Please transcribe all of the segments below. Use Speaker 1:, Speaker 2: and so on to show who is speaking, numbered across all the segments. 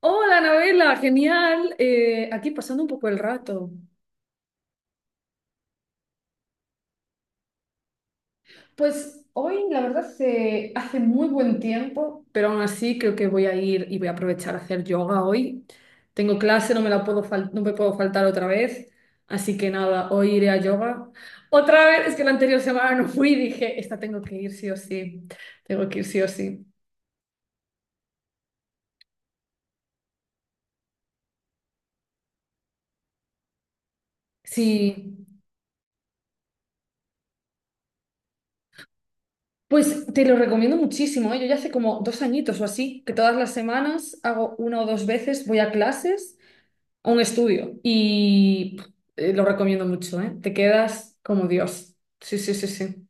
Speaker 1: Hola, novela, genial. Aquí pasando un poco el rato. Pues hoy, la verdad, se hace muy buen tiempo, pero aún así creo que voy a ir y voy a aprovechar a hacer yoga hoy. Tengo clase, no me la puedo fal- no me puedo faltar otra vez. Así que nada, hoy iré a yoga. Otra vez, es que la anterior semana no fui y dije, esta tengo que ir sí o sí. Tengo que ir sí o sí. Sí, pues te lo recomiendo muchísimo, ¿eh? Yo ya hace como dos añitos o así, que todas las semanas hago una o dos veces, voy a clases un estudio y pff, lo recomiendo mucho, ¿eh? Te quedas como Dios. Sí, sí, sí, sí.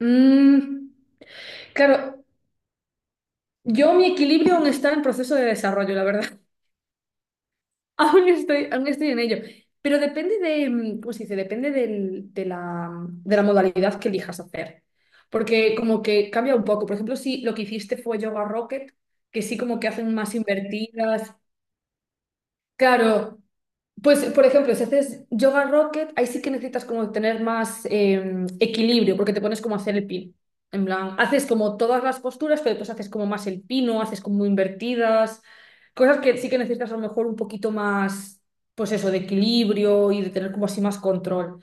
Speaker 1: Mm, claro, yo mi equilibrio aún está en proceso de desarrollo, la verdad. Aún estoy en ello. Pero depende de, ¿cómo se dice? Depende de la modalidad que elijas hacer. Porque como que cambia un poco. Por ejemplo, si lo que hiciste fue yoga rocket, que sí como que hacen más invertidas. Claro. Pues, por ejemplo, si haces yoga rocket, ahí sí que necesitas como tener más equilibrio, porque te pones como a hacer el pin. En plan, haces como todas las posturas, pero después haces como más el pino, haces como invertidas, cosas que sí que necesitas a lo mejor un poquito más, pues eso, de equilibrio y de tener como así más control.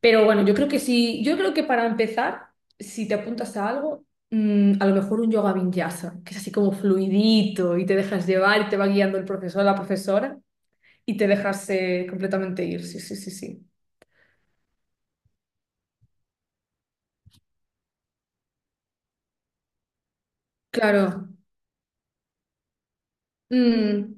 Speaker 1: Pero bueno, yo creo que sí, yo creo que para empezar, si te apuntas a algo, a lo mejor un yoga vinyasa, que es así como fluidito y te dejas llevar y te va guiando el profesor o la profesora y te dejarse completamente ir, sí, sí, sí, sí. Claro. Mm,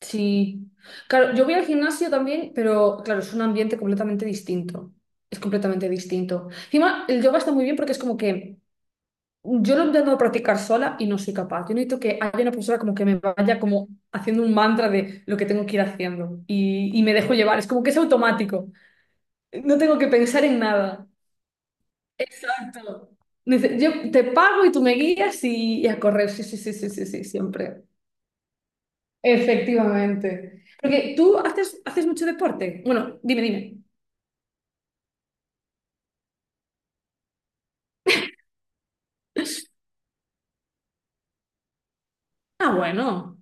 Speaker 1: sí. Claro, yo voy al gimnasio también, pero claro, es un ambiente completamente distinto. Es completamente distinto. Encima, el yoga está muy bien porque es como que yo lo intento practicar sola y no soy capaz. Yo necesito que haya una persona como que me vaya como haciendo un mantra de lo que tengo que ir haciendo y me dejo llevar. Es como que es automático. No tengo que pensar en nada. Exacto. Dice, yo te pago y tú me guías y a correr. Sí, sí, sí, sí, sí, sí, siempre. Efectivamente. Porque tú haces mucho deporte. Bueno, dime, dime. Ah, bueno.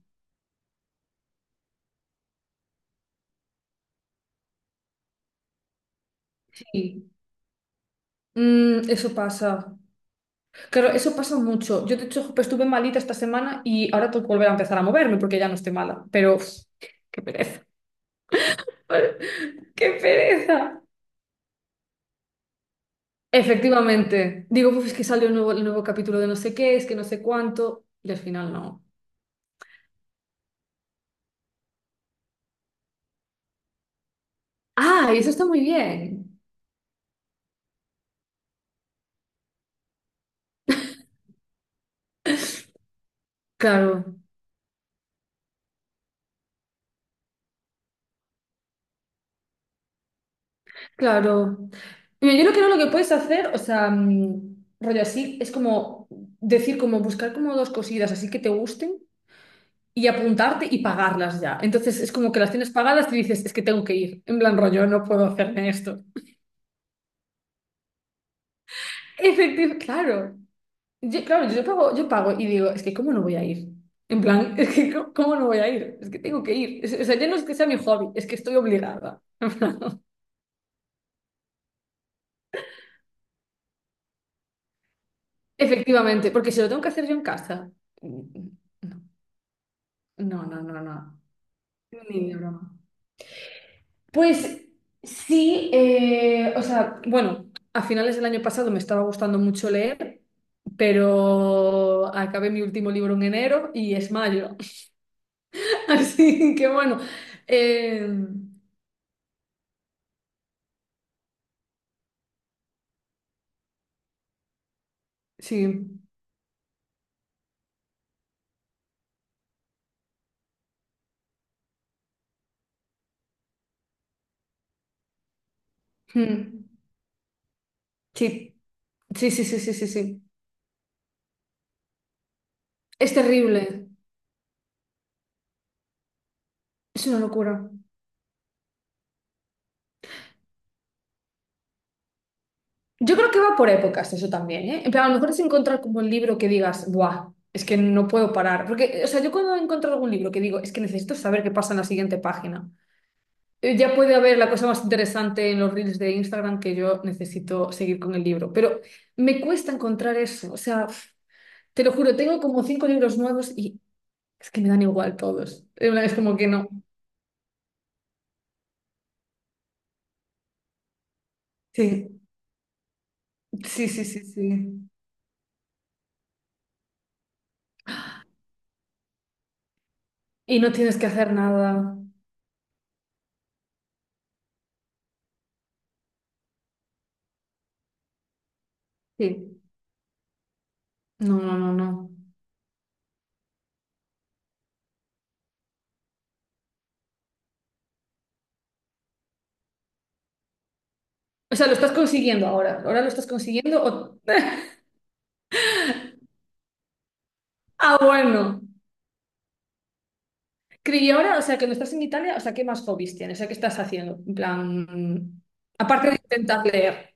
Speaker 1: Sí. Eso pasa. Claro, eso pasa mucho. Yo, de hecho, pues, estuve malita esta semana y ahora tengo que volver a empezar a moverme porque ya no estoy mala. Pero, uf, qué pereza. ¡Qué pereza! Efectivamente. Digo, pues es que salió el nuevo capítulo de no sé qué, es que no sé cuánto. Y al final no. Ah, y eso está muy bien. Claro, claro. Mira, yo lo que no lo que puedes hacer, o sea, rollo así, es como decir, como buscar como dos cositas así que te gusten y apuntarte y pagarlas ya. Entonces es como que las tienes pagadas y dices, es que tengo que ir. En plan rollo, no puedo hacerme esto. Efectivamente, claro. Yo, claro, yo pago y digo, es que ¿cómo no voy a ir? En plan, es que ¿cómo no voy a ir? Es que tengo que ir. O sea, ya no es que sea mi hobby, es que estoy obligada. Efectivamente, porque si lo tengo que hacer yo en casa. Mm, no, no, no, no. Ni de broma. Pues sí, o sea, bueno, a finales del año pasado me estaba gustando mucho leer, pero acabé mi último libro en enero y es mayo. Así que bueno, eh, sí. Mm, sí, sí, sí, sí, sí, sí, sí. Es terrible. Es una locura. Yo creo que va por épocas eso también, ¿eh? En plan, a lo mejor es encontrar como el libro que digas, ¡buah! Es que no puedo parar. Porque, o sea, yo cuando encuentro algún libro que digo, es que necesito saber qué pasa en la siguiente página, ya puede haber la cosa más interesante en los reels de Instagram que yo necesito seguir con el libro. Pero me cuesta encontrar eso. O sea, pf, te lo juro, tengo como cinco libros nuevos y es que me dan igual todos. Es como que no. Sí, sí, sí, sí, sí. Y no tienes que hacer nada. Sí. No, no, no, no. O sea, lo estás consiguiendo ahora. Ahora lo estás consiguiendo. Ah, bueno. Cri, ahora, o sea, que no estás en Italia, o sea, ¿qué más hobbies tienes? O sea, ¿qué estás haciendo? En plan, aparte de intentar leer.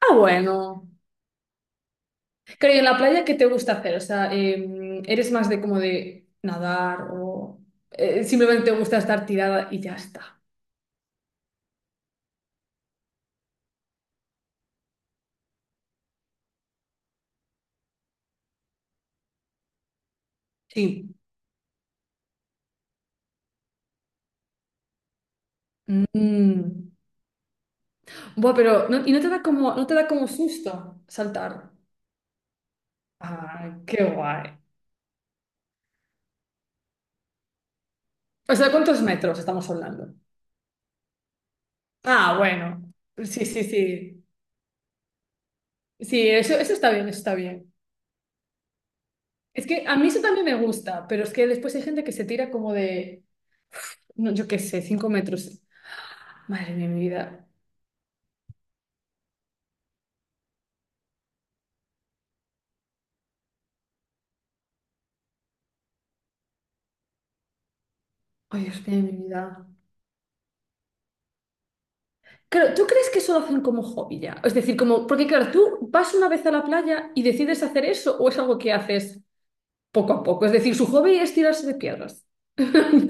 Speaker 1: Ah, bueno. ¿Creo en la playa qué te gusta hacer? O sea, ¿eres más de como de nadar o simplemente te gusta estar tirada y ya está? Sí. Mm. Buah, ¿y no te da como, no te da como susto saltar? Ah, qué guay. O sea, ¿cuántos metros estamos hablando? Ah, bueno. Sí, sí, sí. Sí, eso está bien, eso está bien. Es que a mí eso también me gusta, pero es que después hay gente que se tira como de, no, yo qué sé, cinco metros. Madre mía, mi vida. Ay, Dios mío, mi vida. Claro, ¿tú crees que eso lo hacen como hobby ya? Es decir, como, porque claro, tú vas una vez a la playa y decides hacer eso o es algo que haces poco a poco. Es decir, su hobby es tirarse de piedras.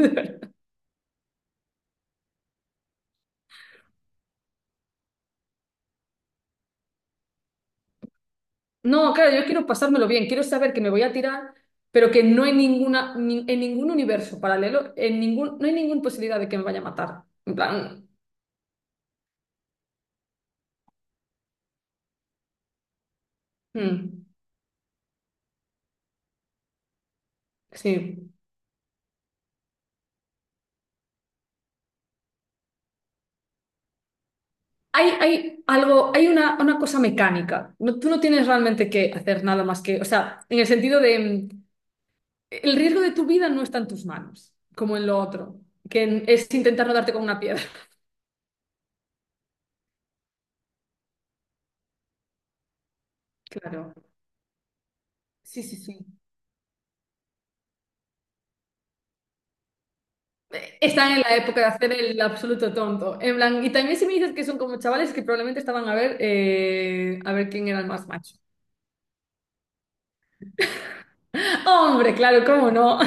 Speaker 1: No, claro, yo quiero pasármelo bien, quiero saber que me voy a tirar, pero que no hay ninguna, en ningún universo paralelo, en ningún, no hay ninguna posibilidad de que me vaya a matar. En plan, mm, sí. Hay algo, hay una cosa mecánica. No, tú no tienes realmente que hacer nada más que, o sea, en el sentido de, el riesgo de tu vida no está en tus manos, como en lo otro, que es intentar no darte con una piedra. Claro. Sí, sí, sí. Están en la época de hacer el absoluto tonto. En plan, y también si me dices que son como chavales que probablemente estaban a ver quién era el más macho. Hombre, claro, cómo no.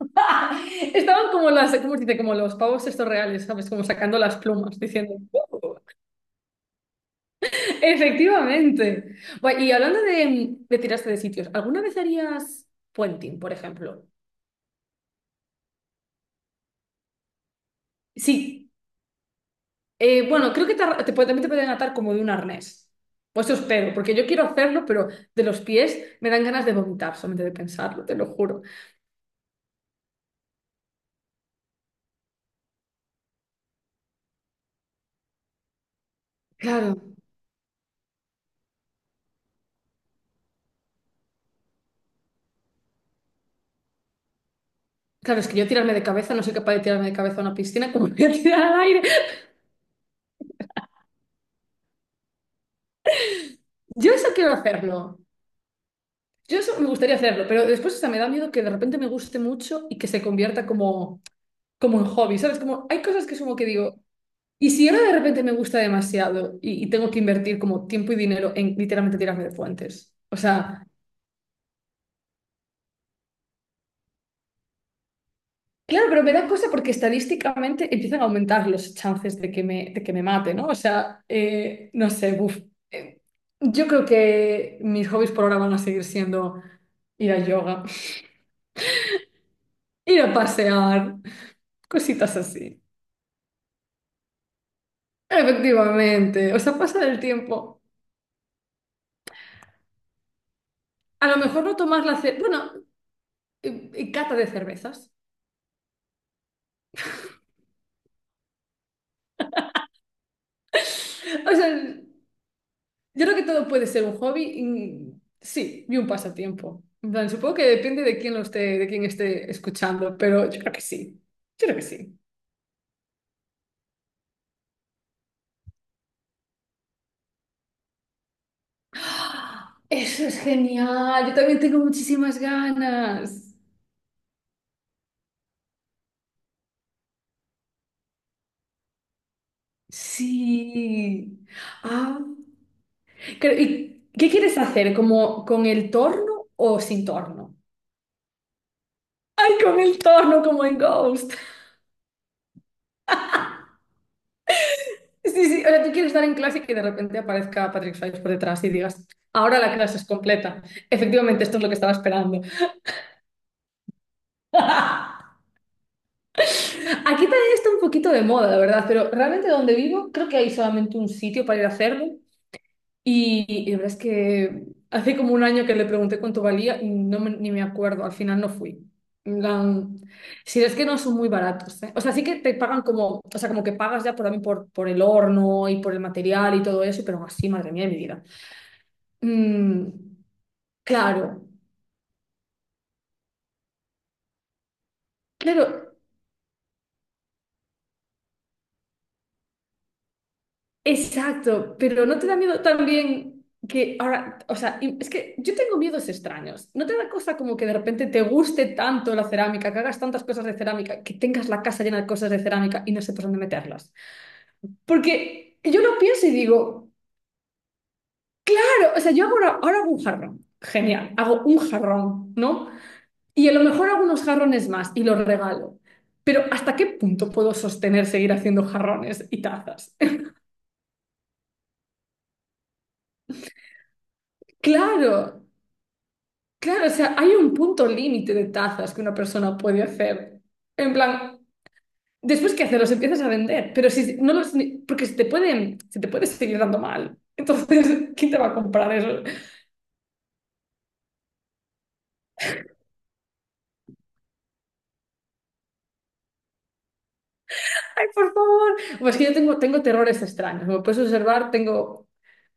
Speaker 1: Estaban como las, ¿cómo se dice? Como los pavos estos reales, ¿sabes? Como sacando las plumas, diciendo, "Uh". Efectivamente. Bueno, y hablando de tirarse de sitios, ¿alguna vez harías puenting, por ejemplo? Sí. Bueno, creo que te ar- te puede- también te pueden atar como de un arnés. Pues eso espero, porque yo quiero hacerlo, pero de los pies me dan ganas de vomitar solamente de pensarlo, te lo juro. Claro, claro, es que yo tirarme de cabeza, no soy capaz de tirarme de cabeza a una piscina como voy a tirar al aire. Yo eso quiero hacerlo. Yo eso me gustaría hacerlo, pero después hasta me da miedo que de repente me guste mucho y que se convierta como, como en hobby, ¿sabes? Como hay cosas que es como que digo, y si ahora de repente me gusta demasiado y tengo que invertir como tiempo y dinero en literalmente tirarme de puentes. O sea. Claro, pero me da cosa porque estadísticamente empiezan a aumentar los chances de que me mate, ¿no? O sea, no sé, buf. Eh, yo creo que mis hobbies por ahora van a seguir siendo ir a yoga, ir a pasear, cositas así. Efectivamente, o sea, pasa el tiempo. A lo mejor no tomas la cerveza, bueno, cata de cervezas. O sea, yo creo que todo puede ser un hobby, sí, y un pasatiempo. En plan, supongo que depende de quién lo esté, de quién esté escuchando, pero yo creo que sí. Yo creo que sí. ¡Ah! Eso es genial. Yo también tengo muchísimas ganas. Sí. Ah, ¿y qué quieres hacer? ¿Como con el torno o sin torno? ¡Ay, con el torno, como en Ghost! Sí, sí, o sea, tú quieres estar en clase y que de repente aparezca Patrick Swayze por detrás y digas, ahora la clase es completa. Efectivamente, esto es lo que estaba esperando. Aquí también está un poquito de moda, la verdad, pero realmente donde vivo creo que hay solamente un sitio para ir a hacerlo. Y la verdad es que hace como un año que le pregunté cuánto valía y ni me acuerdo, al final no fui. En plan, sí, es que no son muy baratos, ¿eh? O sea, sí que te pagan como, o sea, como que pagas ya por, también por, el horno y por el material y todo eso, pero aún así, madre mía, de mi vida. Mm, claro, claro, exacto, pero ¿no te da miedo también que ahora, o sea, es que yo tengo miedos extraños, ¿no te da cosa como que de repente te guste tanto la cerámica, que hagas tantas cosas de cerámica, que tengas la casa llena de cosas de cerámica y no sepas dónde meterlas? Porque yo lo pienso y digo, claro, o sea, yo hago ahora, ahora hago un jarrón, genial, hago un jarrón, ¿no? Y a lo mejor hago unos jarrones más y los regalo. Pero ¿hasta qué punto puedo sostener seguir haciendo jarrones y tazas? Claro, claro, o sea, hay un punto límite de tazas que una persona puede hacer. En plan, después que hacerlos empiezas a vender, pero si no los, porque se te pueden, se te puede seguir dando mal. Entonces, ¿quién te va a comprar eso? Ay, por favor. Pues que yo tengo terrores extraños. Como puedes observar,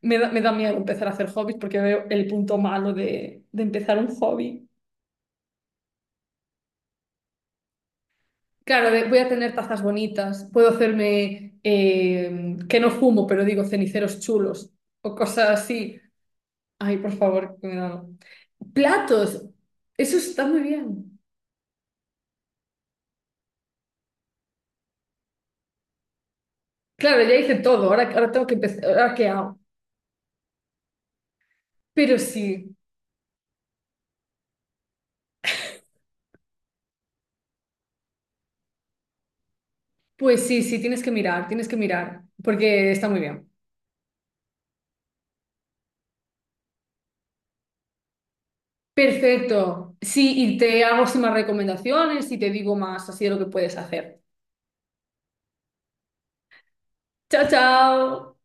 Speaker 1: me da miedo empezar a hacer hobbies porque veo el punto malo de empezar un hobby. Claro, voy a tener tazas bonitas, puedo hacerme, que no fumo, pero digo ceniceros chulos o cosas así. Ay, por favor, que me da. Platos, eso está muy bien. Claro, ya hice todo, ahora, ahora tengo que empezar, ahora qué hago. Pero sí, pues sí, sí, tienes que mirar, porque está muy bien. Perfecto, sí, y te hago así más recomendaciones y te digo más así de lo que puedes hacer. Chao, chao.